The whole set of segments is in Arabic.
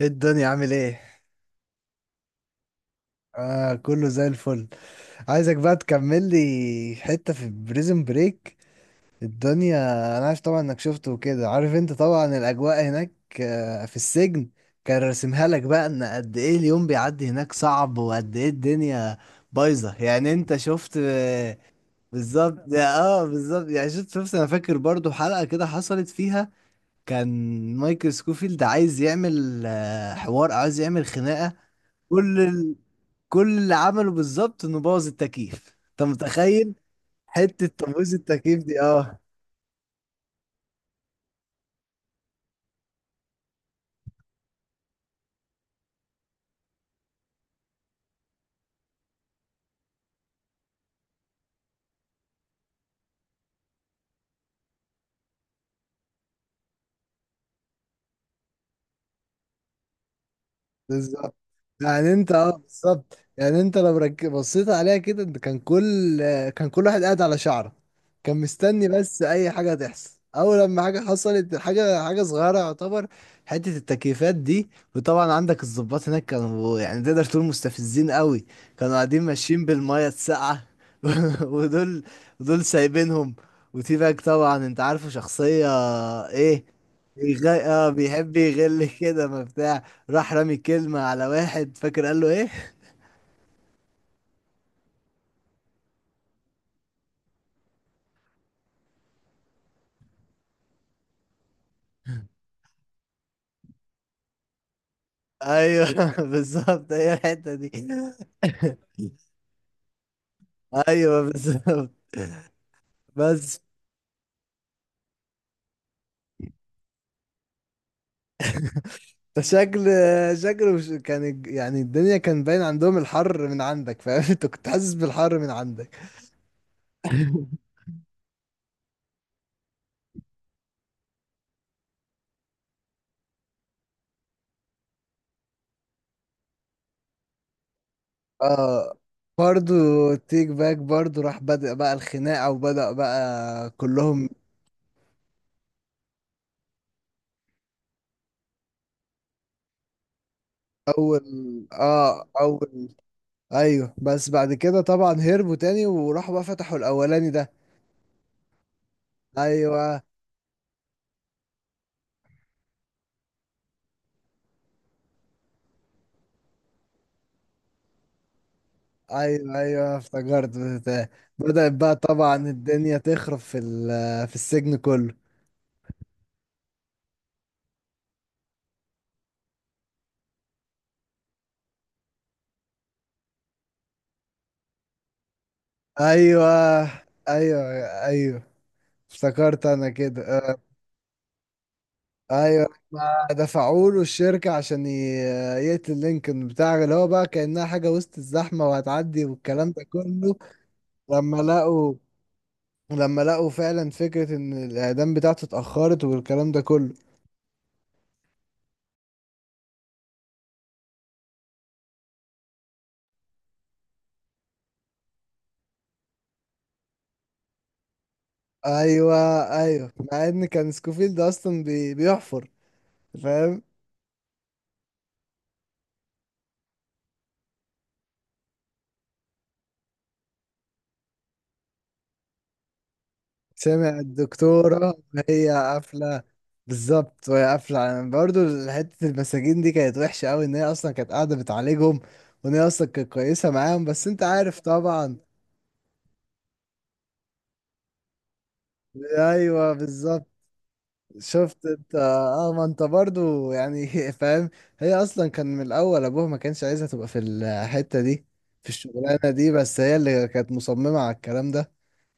إيه الدنيا عامل ايه؟ كله زي الفل. عايزك بقى تكمل لي حتة في بريزن بريك الدنيا. انا عارف طبعا انك شفته وكده، عارف انت طبعا الاجواء هناك، آه في السجن. كان راسمها لك بقى ان قد ايه اليوم بيعدي هناك صعب، وقد ايه الدنيا بايظة، يعني انت شفت. بالظبط، بالظبط، يعني شفت. انا فاكر برضو حلقة كده حصلت فيها، كان مايكل سكوفيلد عايز يعمل، حوار، عايز يعمل خناقة. كل ال... كل اللي عمله بالظبط انه بوظ التكييف. انت متخيل حته تبويظ التكييف دي؟ اه. بالظبط بالظبط، يعني انت لو بصيت عليها كده، انت كان كل واحد قاعد على شعره، كان مستني بس اي حاجه تحصل. اول لما حاجه حصلت، حاجه صغيره يعتبر، حته التكييفات دي. وطبعا عندك الضباط هناك كانوا يعني تقدر تقول مستفزين قوي، كانوا قاعدين ماشيين بالميه الساقعه. ودول، سايبينهم. وتي باك طبعا انت عارفه شخصيه ايه، بيغ... اه بيحب يغل كده ما بتاع. راح رامي كلمة على واحد، فاكر قال له ايه. ايوه. بالظبط، هي الحتة دي. ايوه بالظبط. بس شكل شكله مش- كان الج- يعني الدنيا كان باين عندهم الحر من عندك، فاهم؟ انت كنت حاسس بالحر من عندك. اه برضو تيك باك برضو راح بدأ بقى الخناقة، وبدأ بقى كلهم. اول اه اول. ايوه، بس بعد كده طبعا هربوا تاني وراحوا بقى فتحوا الاولاني ده. ايوه، ايوه، ايوه، افتكرت بتاع. بدأت بقى طبعا الدنيا تخرب في في السجن كله. ايوه، ايوه، ايوه، افتكرت انا كده. ايوه، ما دفعوا له الشركه عشان يقتل لينكولن بتاع، اللي هو بقى كانها حاجه وسط الزحمه وهتعدي والكلام ده كله. لما لقوا لما لقوا فعلا فكره ان الاعدام بتاعته اتاخرت والكلام ده كله. ايوه. ايوه، مع ان كان سكوفيلد اصلا بيحفر، فاهم؟ سمع الدكتورة وهي قافلة. بالظبط، وهي قافلة برضو حتة المساجين دي كانت وحشة أوي، إن هي أصلا كانت قاعدة بتعالجهم، وإن هي أصلا كانت كويسة معاهم، بس أنت عارف طبعا. أيوه بالظبط. شفت انت اه ما انت برضو يعني فاهم. هي اصلا كان من الاول ابوها ما كانش عايزها تبقى في الحتة دي، في الشغلانة دي، بس هي اللي كانت مصممة على الكلام ده،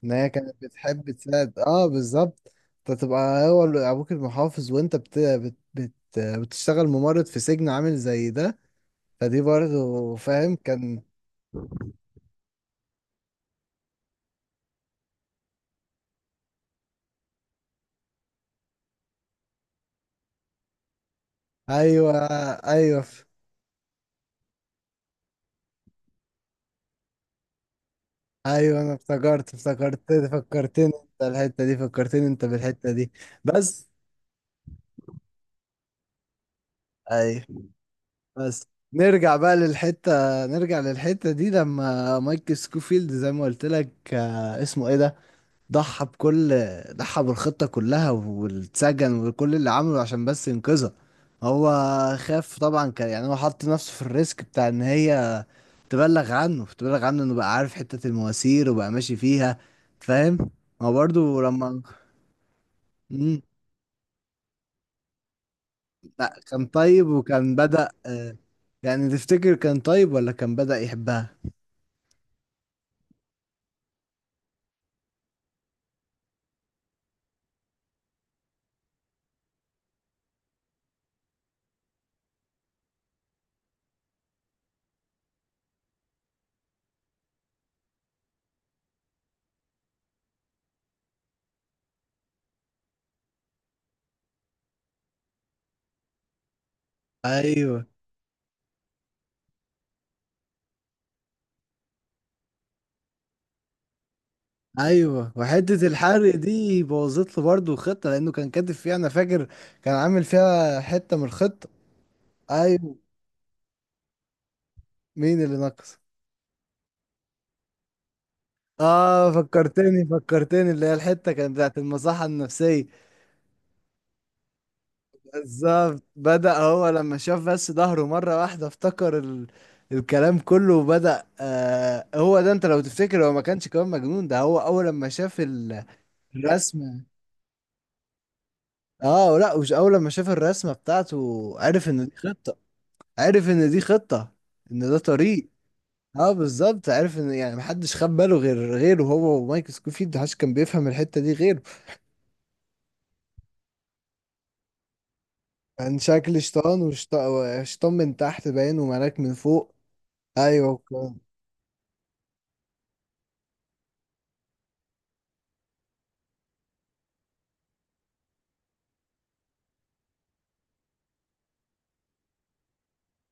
ان هي كانت بتحب تساعد. اه بالظبط. انت تبقى هو ابوك المحافظ، وانت بتشتغل ممرض في سجن عامل زي ده، فدي برضو فاهم كان. ايوه، ايوه، ايوه، انا افتكرت فكرتني. انت بالحتة دي. بس. ايوه. بس نرجع بقى للحتة نرجع للحتة دي لما مايك سكوفيلد زي ما قلت لك، اسمه ايه ده، ضحى بكل ضحى بالخطة كلها واتسجن، وكل اللي عمله عشان بس ينقذها هو. خاف طبعا، كان يعني هو حط نفسه في الريسك بتاع ان هي تبلغ عنه، انه بقى عارف حتة المواسير وبقى ماشي فيها، فاهم. هو برضه لما. مم. لا كان طيب، وكان بدأ، يعني تفتكر كان طيب ولا كان بدأ يحبها؟ ايوه. ايوه. وحته الحرق دي بوظت له برضه الخطه لانه كان كاتب فيها انا فاكر، كان عامل فيها حته من الخطه. ايوه. مين اللي نقص؟ اه، فكرتني. اللي هي الحته كانت بتاعت المصحه النفسيه. بالظبط، بدأ هو لما شاف بس ظهره مرة واحدة افتكر الكلام كله، وبدأ آه هو ده، انت لو تفتكر هو ما كانش كمان مجنون ده. هو اول لما شاف الرسمة. اه، لا، مش اول لما شاف الرسمة بتاعته عرف ان دي خطة، عارف ان دي خطة، ان ده طريق. اه بالظبط، عارف ان يعني محدش خد باله غير غيره، هو ومايك سكوفيلد، محدش كان بيفهم الحتة دي غيره. كان شكل شيطان، وشيطان من تحت باين، وملاك من فوق. ايوه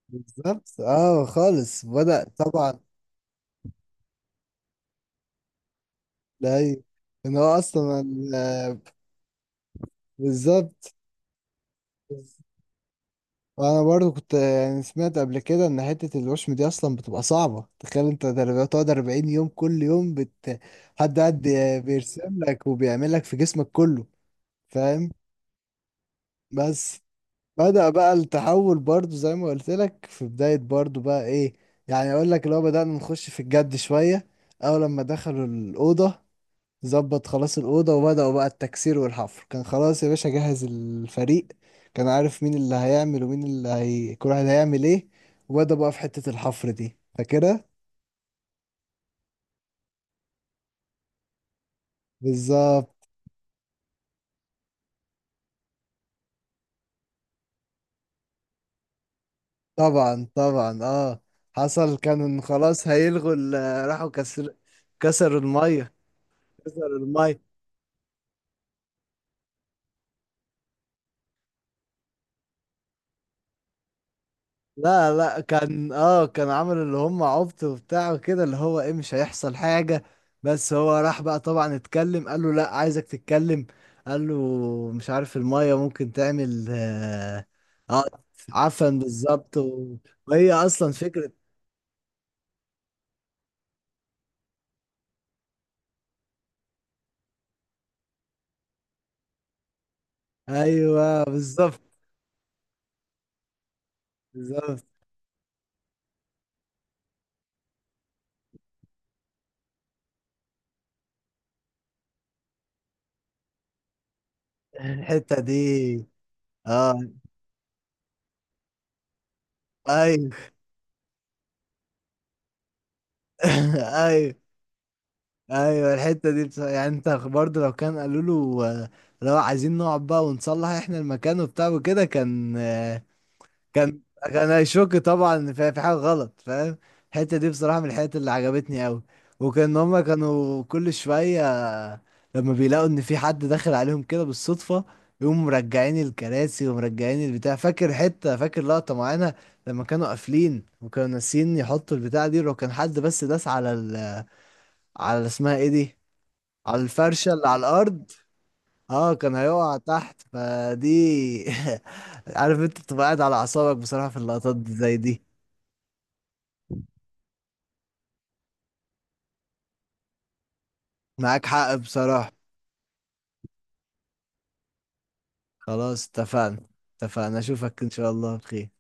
بالظبط. اه خالص. بدأ طبعا. لا أيوة. ان هو اصلا آه، بالظبط. وانا برضو كنت يعني سمعت قبل كده ان حتة الوشم دي اصلا بتبقى صعبة، تخيل انت بتقعد 40 يوم، كل يوم حد قاعد بيرسم لك وبيعمل لك في جسمك كله، فاهم. بس بدأ بقى التحول برضو زي ما قلت لك في بداية برضو بقى ايه. يعني اقول لك لو بدأنا نخش في الجد شوية، اول لما دخلوا الأوضة، ظبط خلاص الأوضة، وبدأوا بقى التكسير والحفر، كان خلاص يا باشا جهز الفريق، كان عارف مين اللي هيعمل ومين اللي هي كل واحد هيعمل ايه. وبدأ بقى في حتة الحفر دي، فاكرها. بالظبط. طبعا، طبعا، اه، حصل. كان خلاص هيلغوا راحوا كسر. كسروا المية كسروا المية. لا، لا، كان كان عامل اللي هم عبط وبتاع وكده، اللي هو ايه مش هيحصل حاجة. بس هو راح بقى طبعا اتكلم، قال له لا عايزك تتكلم. قال له مش عارف المية ممكن تعمل اه، آه عفن بالظبط، وهي اصلا فكرة. ايوه بالظبط. بالظبط. الحتة دي اه. ايوه. ايوه، ايوه، الحته دي يعني انت برضه لو كان قالوا له، لو عايزين نقعد بقى ونصلح احنا المكان وبتاع وكده كان، كان هيشك طبعا إن في حاجه غلط، فاهم. الحته دي بصراحه من الحاجات اللي عجبتني قوي. وكان هما كانوا كل شويه لما بيلاقوا ان في حد داخل عليهم كده بالصدفه، يقوموا مرجعين الكراسي ومرجعين البتاع. فاكر حته، فاكر لقطه معانا لما كانوا قافلين وكانوا ناسيين يحطوا البتاع دي، ولو كان حد بس داس على على اسمها ايه دي، على الفرشة اللي على الأرض، اه كان هيقع تحت، فدي. عارف انت تبقى قاعد على أعصابك بصراحة في اللقطات دي زي دي. معاك حق بصراحة. خلاص اتفقنا. اتفقنا، أشوفك إن شاء الله بخير.